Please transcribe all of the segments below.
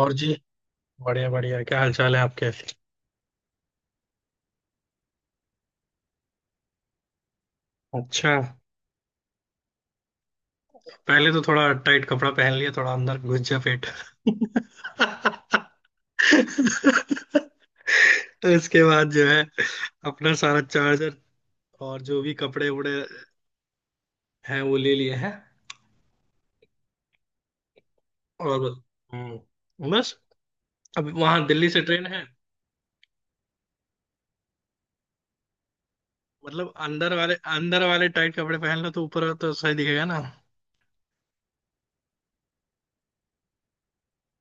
और जी। बढ़िया बढ़िया, क्या हाल चाल है आपके। अच्छा। पहले तो थोड़ा टाइट कपड़ा पहन लिया, थोड़ा अंदर घुस जा पेट। इसके बाद जो है, अपना सारा चार्जर और जो भी कपड़े वपड़े हैं वो ले लिए हैं। और बस। अब वहां दिल्ली से ट्रेन है। मतलब अंदर वाले टाइट कपड़े पहन लो तो ऊपर तो सही दिखेगा ना।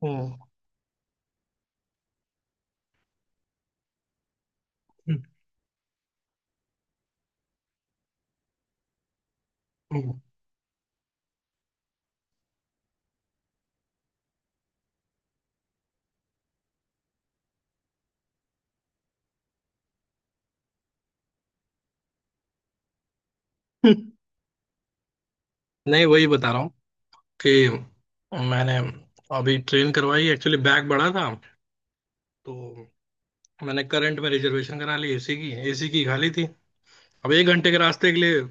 हम्म। हम्म। हम्म। नहीं, वही बता रहा हूँ कि मैंने अभी ट्रेन करवाई, एक्चुअली बैग बड़ा था, तो मैंने करंट में रिजर्वेशन करा ली, एसी की खाली थी। अब 1 घंटे के रास्ते के लिए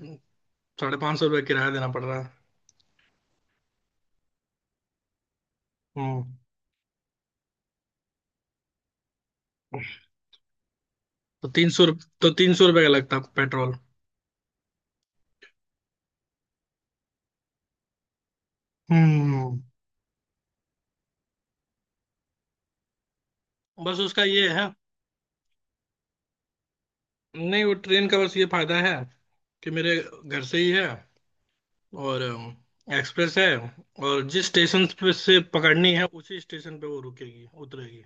550 रुपये किराया देना पड़ रहा है। हम्म। तो तीन सौ तो 300 रुपये का लगता पेट्रोल। हम्म। बस उसका ये है। नहीं वो ट्रेन का बस ये फायदा है कि मेरे घर से ही है, और एक्सप्रेस है, और जिस स्टेशन पे से पकड़नी है उसी स्टेशन पे वो रुकेगी उतरेगी।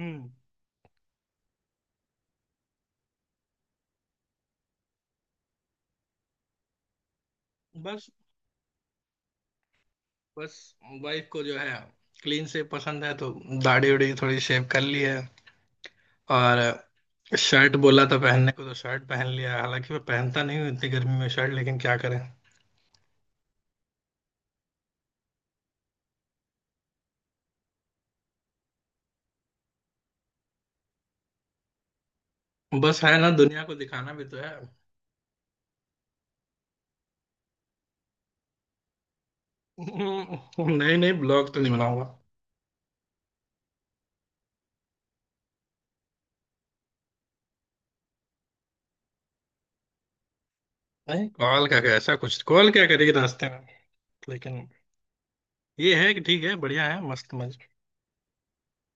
हम्म। बस, बस, वाइफ को जो है क्लीन से पसंद है तो दाढ़ी उड़ी थोड़ी शेव कर ली है। और शर्ट बोला था पहनने को तो शर्ट पहन लिया है। हालांकि मैं पहनता नहीं हूँ इतनी गर्मी में शर्ट, लेकिन क्या करें। बस है ना, दुनिया को दिखाना भी तो है। नहीं, नहीं, ब्लॉग तो नहीं बनाऊंगा। नहीं, कॉल का क्या, ऐसा कुछ, कॉल क्या करेगी रास्ते में। लेकिन ये है कि ठीक है, बढ़िया है, मस्त मज।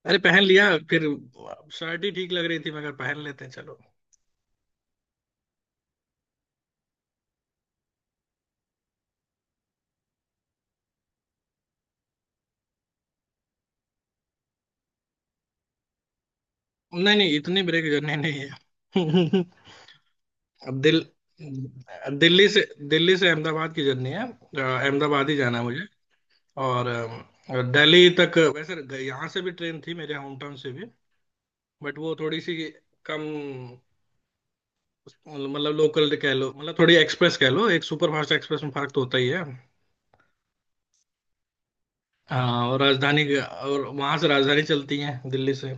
अरे पहन लिया फिर। शर्ट ही ठीक लग रही थी मगर पहन लेते हैं चलो। नहीं, नहीं, इतनी ब्रेक जर्नी नहीं है। अब दिल्ली से दिल्ली से अहमदाबाद की जर्नी है, अहमदाबाद ही जाना है मुझे। और दिल्ली तक वैसे यहाँ से भी ट्रेन थी, मेरे होम टाउन से भी, बट वो थोड़ी सी कम, मतलब लोकल कह लो, मतलब थोड़ी एक्सप्रेस कह लो, एक सुपरफास्ट एक्सप्रेस में फर्क तो होता ही है। हाँ, और राजधानी, और वहां से राजधानी चलती है दिल्ली से।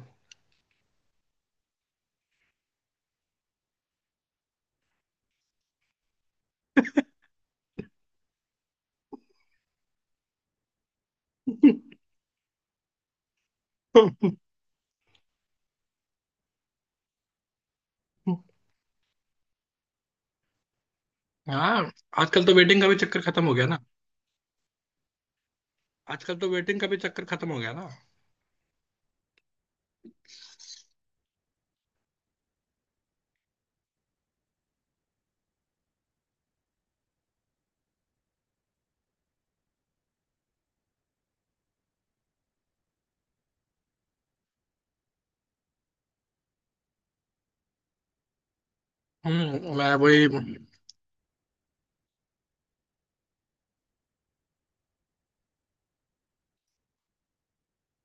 हाँ। आजकल तो वेटिंग का भी चक्कर खत्म हो गया ना। आजकल तो वेटिंग का भी चक्कर खत्म हो गया ना। हम्म। मैं वही।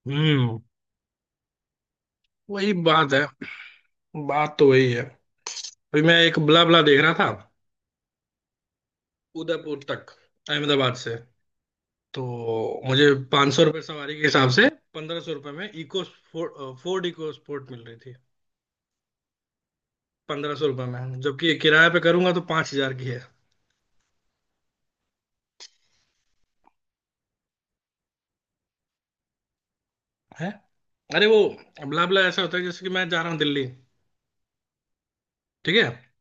हम्म वही बात है। बात तो वही है। अभी मैं एक ब्ला ब्ला देख रहा था, उदयपुर तक, अहमदाबाद से। तो मुझे 500 सौ रुपये सवारी के हिसाब से 1500 रुपये में EcoSport, Ford EcoSport मिल रही थी, पंद्रह सौ रुपये में, जबकि किराए पे करूंगा तो 5000 की है। हैं। अरे वो ब्ला ब्ला ऐसा होता है जैसे कि मैं जा रहा हूँ दिल्ली, ठीक है,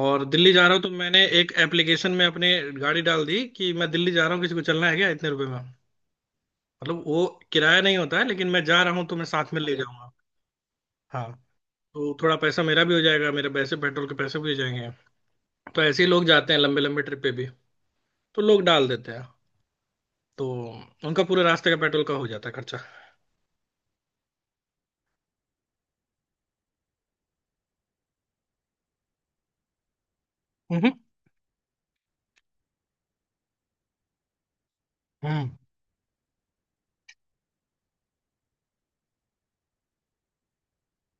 और दिल्ली जा रहा हूँ तो मैंने एक एप्लीकेशन में अपनी गाड़ी डाल दी कि मैं दिल्ली जा रहा हूँ, किसी को चलना है क्या इतने रुपए में। मतलब वो किराया नहीं होता है लेकिन मैं जा रहा हूँ तो मैं साथ में ले जाऊंगा। हाँ, तो थोड़ा पैसा मेरा भी हो जाएगा, मेरे पैसे पेट्रोल के पैसे भी हो जाएंगे। तो ऐसे ही लोग जाते हैं लंबे लंबे ट्रिप पे भी, तो लोग डाल देते हैं, तो उनका पूरे रास्ते का पेट्रोल का हो जाता है खर्चा। हम्म। हम्म।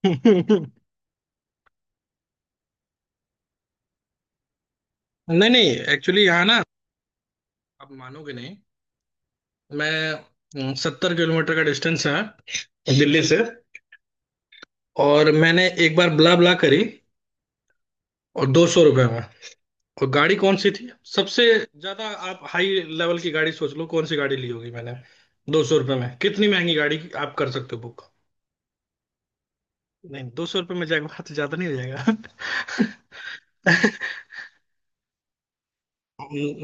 नहीं, नहीं, एक्चुअली यहाँ ना, आप मानोगे नहीं। मैं 70 किलोमीटर का डिस्टेंस है दिल्ली से। और मैंने एक बार ब्ला ब्ला करी और 200 रुपये में। और गाड़ी कौन सी थी, सबसे ज्यादा आप हाई लेवल की गाड़ी सोच लो कौन सी गाड़ी ली होगी मैंने दो सौ रुपये में, कितनी महंगी गाड़ी आप कर सकते हो बुक। नहीं दो सौ रुपये में जाएगा बात, ज्यादा नहीं हो जाएगा।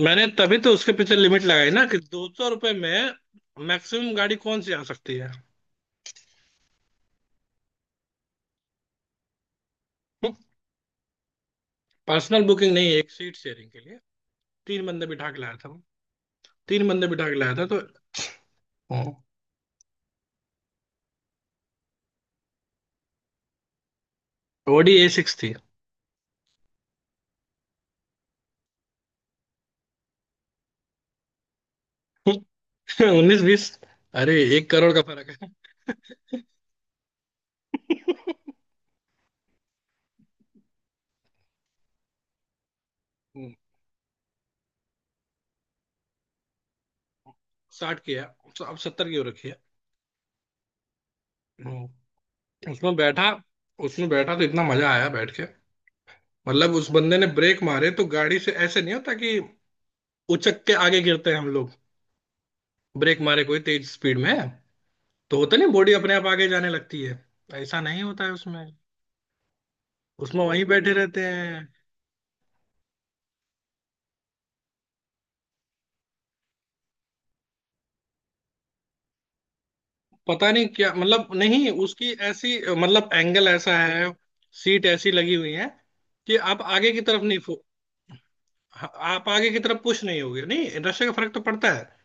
मैंने तभी तो उसके पीछे लिमिट लगाई ना कि दो सौ रुपये में मैक्सिमम गाड़ी कौन सी आ सकती है। पर्सनल बुकिंग नहीं है, एक सीट शेयरिंग के लिए तीन बंदे बिठा के लाया था वो। तीन बंदे बिठा के लाया था तो ओडी ए सिक्स थी। उन्नीस बीस, अरे 1 करोड़ का फर्क है। हम्म, साठ की है, अब सत्तर की हो रखी है। हम्म, उसमें बैठा, उसमें बैठा तो इतना मजा आया बैठ के। मतलब उस बंदे ने ब्रेक मारे तो गाड़ी से ऐसे नहीं होता कि उचक के आगे गिरते हैं हम लोग। ब्रेक मारे कोई तेज स्पीड में तो होता नहीं, बॉडी अपने आप आगे जाने लगती है। ऐसा नहीं होता है उसमें, उसमें वहीं बैठे रहते हैं। पता नहीं क्या, मतलब नहीं उसकी ऐसी, मतलब एंगल ऐसा है, सीट ऐसी लगी हुई है कि आप आगे की तरफ नहीं फो हाँ, आप आगे की तरफ पुश नहीं होगे, नहीं नशे का फर्क तो पड़ता है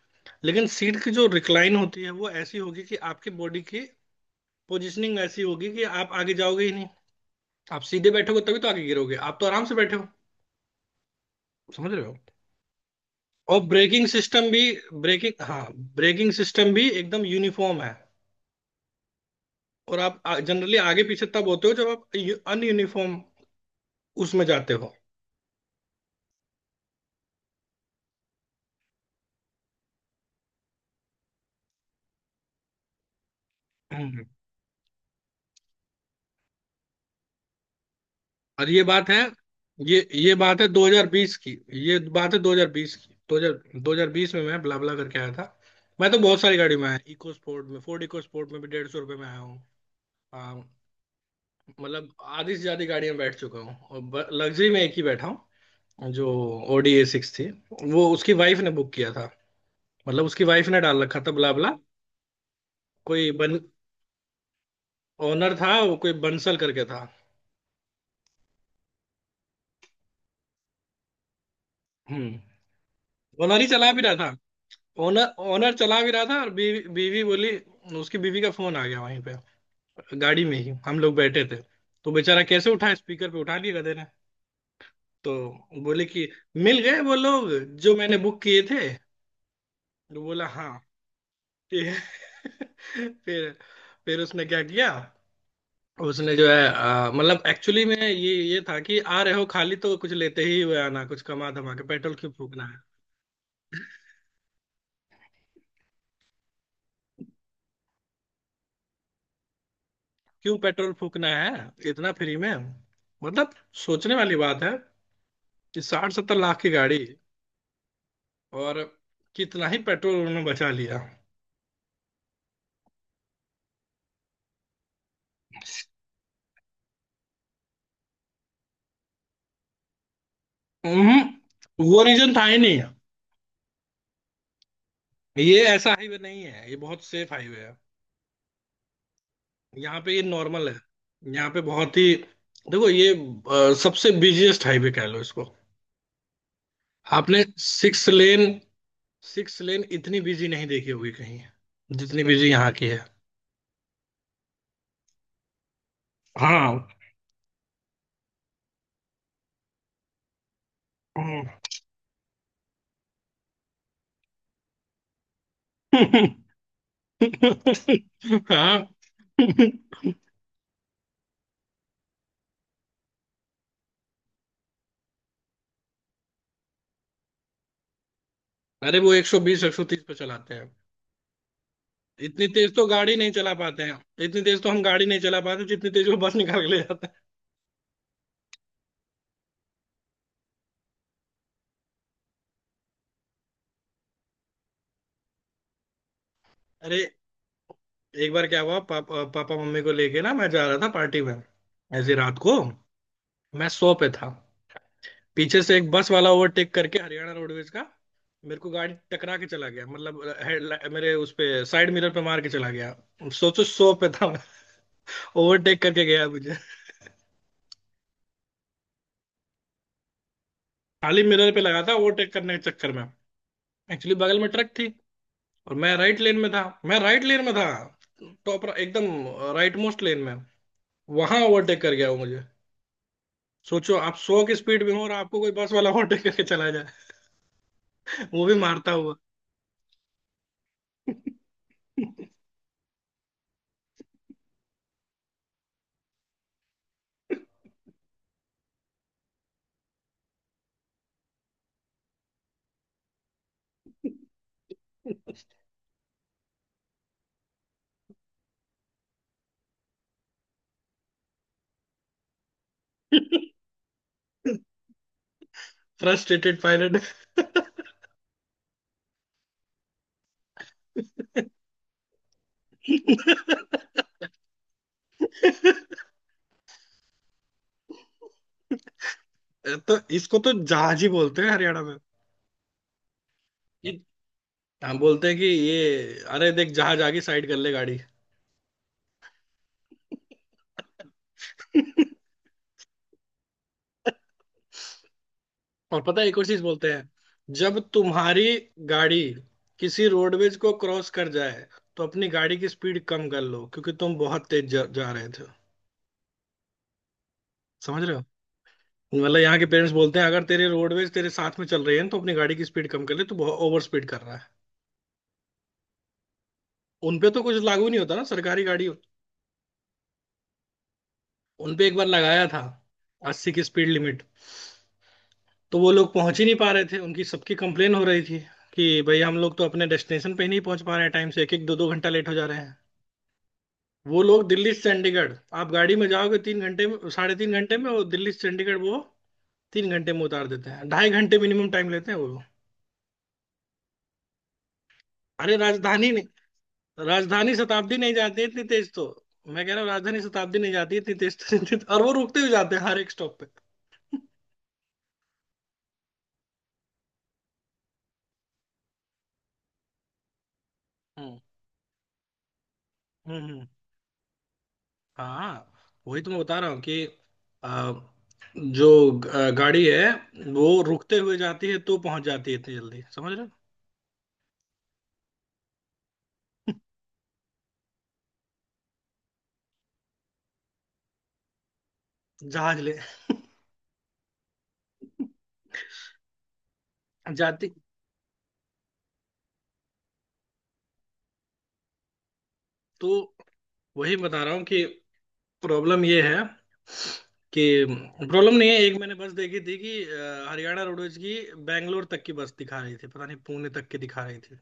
लेकिन सीट की जो रिक्लाइन होती है वो ऐसी होगी कि आपकी बॉडी की पोजिशनिंग ऐसी होगी कि आप आगे जाओगे ही नहीं। आप सीधे बैठोगे तभी तो आगे गिरोगे, आप तो आराम से बैठे हो, समझ रहे हो। और ब्रेकिंग सिस्टम भी, ब्रेकिंग, हाँ, ब्रेकिंग सिस्टम भी एकदम यूनिफॉर्म है। और आप जनरली आगे पीछे तब होते हो जब आप अनयूनिफॉर्म उसमें जाते हो। हम्म। और ये बात है, ये बात है 2020 की। ये बात है 2020 की, 2000 2020 में मैं ब्ला ब्ला करके आया था। मैं तो बहुत सारी गाड़ी में आया, इको स्पोर्ट में, फोर्ड इको स्पोर्ट में भी 150 रुपये में आया हूँ। हाँ, मतलब आधी से ज्यादा गाड़ी में बैठ चुका हूँ और लग्जरी में एक ही बैठा हूँ, जो ओडीए सिक्स थी। वो उसकी वाइफ ने बुक किया था, मतलब उसकी वाइफ ने डाल रखा था, बुला बुला। कोई बन ओनर था वो, कोई बंसल करके था। हम्म। ओनर ही चला भी रहा था, ओनर ओनर चला भी रहा था, और बीवी बीवी बोली, उसकी बीवी का फोन आ गया वहीं पे, गाड़ी में ही हम लोग बैठे थे। तो बेचारा कैसे उठा, स्पीकर पे उठा लिया गधे ने। तो बोले कि मिल गए वो लोग जो मैंने बुक किए थे, तो बोला हाँ। फिर फिर फिर उसने क्या किया। उसने जो है मतलब एक्चुअली में ये था कि आ रहे हो खाली तो कुछ लेते ही हुए आना, कुछ कमा धमा के, पेट्रोल क्यों फूकना है। क्यों पेट्रोल फूकना है इतना फ्री में। मतलब सोचने वाली बात है कि साठ सत्तर लाख की गाड़ी, और कितना ही पेट्रोल उन्होंने बचा लिया। हम्म, वो रीजन था ही नहीं। ये ऐसा हाईवे नहीं है, ये बहुत सेफ हाईवे है, यहाँ पे ये नॉर्मल है, यहाँ पे बहुत ही, देखो ये सबसे बिजिएस्ट हाईवे कह लो इसको आपने। सिक्स लेन, सिक्स लेन इतनी बिजी नहीं देखी होगी कहीं जितनी बिजी यहाँ की है। हाँ। हाँ। अरे वो 120, 130 पे चलाते हैं, इतनी तेज तो गाड़ी नहीं चला पाते हैं, इतनी तेज तो हम गाड़ी नहीं चला पाते जितनी तेज वो बस निकाल के ले जाते हैं। अरे एक बार क्या हुआ, पापा पापा मम्मी को लेके ना मैं जा रहा था पार्टी में, ऐसी रात को। मैं सौ पे था, पीछे से एक बस वाला ओवरटेक करके, हरियाणा रोडवेज का, मेरे को गाड़ी टकरा के चला गया, मतलब हेड मेरे उस पे, साइड मिरर पे मार के चला गया। सोचो सौ पे था, ओवरटेक करके गया मुझे। खाली मिरर पे लगा था ओवरटेक करने के चक्कर में, एक्चुअली बगल में ट्रक थी और मैं राइट लेन में था, टॉप एकदम राइट मोस्ट लेन में, वहां ओवरटेक कर गया वो मुझे। सोचो आप सौ की स्पीड में हो और आपको कोई बस वाला ओवरटेक करके चला जाए, वो भी मारता हुआ। Frustrated pilot. तो इसको तो जहाज ही बोलते हैं हरियाणा में। ये हम बोलते हैं कि ये, अरे देख जहाज, आगे साइड कर ले गाड़ी। और पता है एक और चीज बोलते हैं, जब तुम्हारी गाड़ी किसी रोडवेज को क्रॉस कर जाए तो अपनी गाड़ी की स्पीड कम कर लो क्योंकि तुम बहुत तेज जा रहे थे, समझ रहे हो। मतलब यहाँ के पेरेंट्स बोलते हैं अगर तेरे रोडवेज तेरे साथ में चल रही है तो अपनी गाड़ी की स्पीड कम कर ले तो बहुत ओवर स्पीड कर रहा है। उनपे तो कुछ लागू नहीं होता ना सरकारी गाड़ी। उनपे एक बार लगाया था 80 की स्पीड लिमिट, तो वो लोग पहुंच ही नहीं पा रहे थे, उनकी सबकी कंप्लेन हो रही थी कि भाई हम लोग तो अपने डेस्टिनेशन पे ही नहीं पहुंच पा रहे हैं टाइम से, एक एक दो दो घंटा लेट हो जा रहे हैं। वो लोग दिल्ली से चंडीगढ़, आप गाड़ी में जाओगे 3 घंटे में, 3.5 घंटे में, वो दिल्ली से चंडीगढ़ वो तीन घंटे में उतार देते हैं, 2.5 घंटे मिनिमम टाइम लेते हैं वो लोग। अरे राजधानी नहीं, राजधानी शताब्दी नहीं जाती है इतनी तेज तो। मैं कह रहा हूँ राजधानी शताब्दी नहीं जाती है इतनी तेज तो। और वो रुकते हुए जाते हैं हर एक स्टॉप पे। हम्म। हम्म। हाँ। वही तो मैं बता रहा हूँ कि आ, जो गाड़ी है वो रुकते हुए जाती है तो पहुंच जाती है इतनी जल्दी, समझ रहे हो? जहाज ले। जाती। तो वही बता रहा हूँ कि प्रॉब्लम ये है कि, प्रॉब्लम नहीं है, एक मैंने बस देखी थी कि हरियाणा रोडवेज की बैंगलोर तक की बस दिखा रही थी, पता नहीं पुणे तक की दिखा रही थी।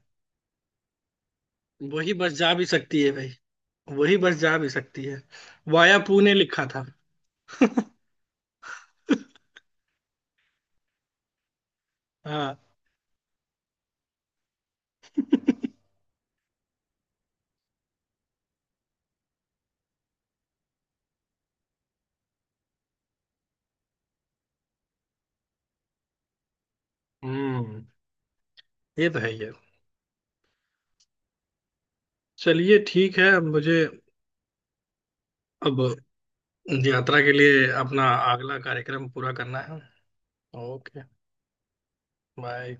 वही बस जा भी सकती है भाई, वही बस जा भी सकती है, वाया पुणे लिखा था। हाँ। हम्म। ये तो है ये। चलिए ठीक है, मुझे अब यात्रा के लिए अपना अगला कार्यक्रम पूरा करना है। ओके। बाय।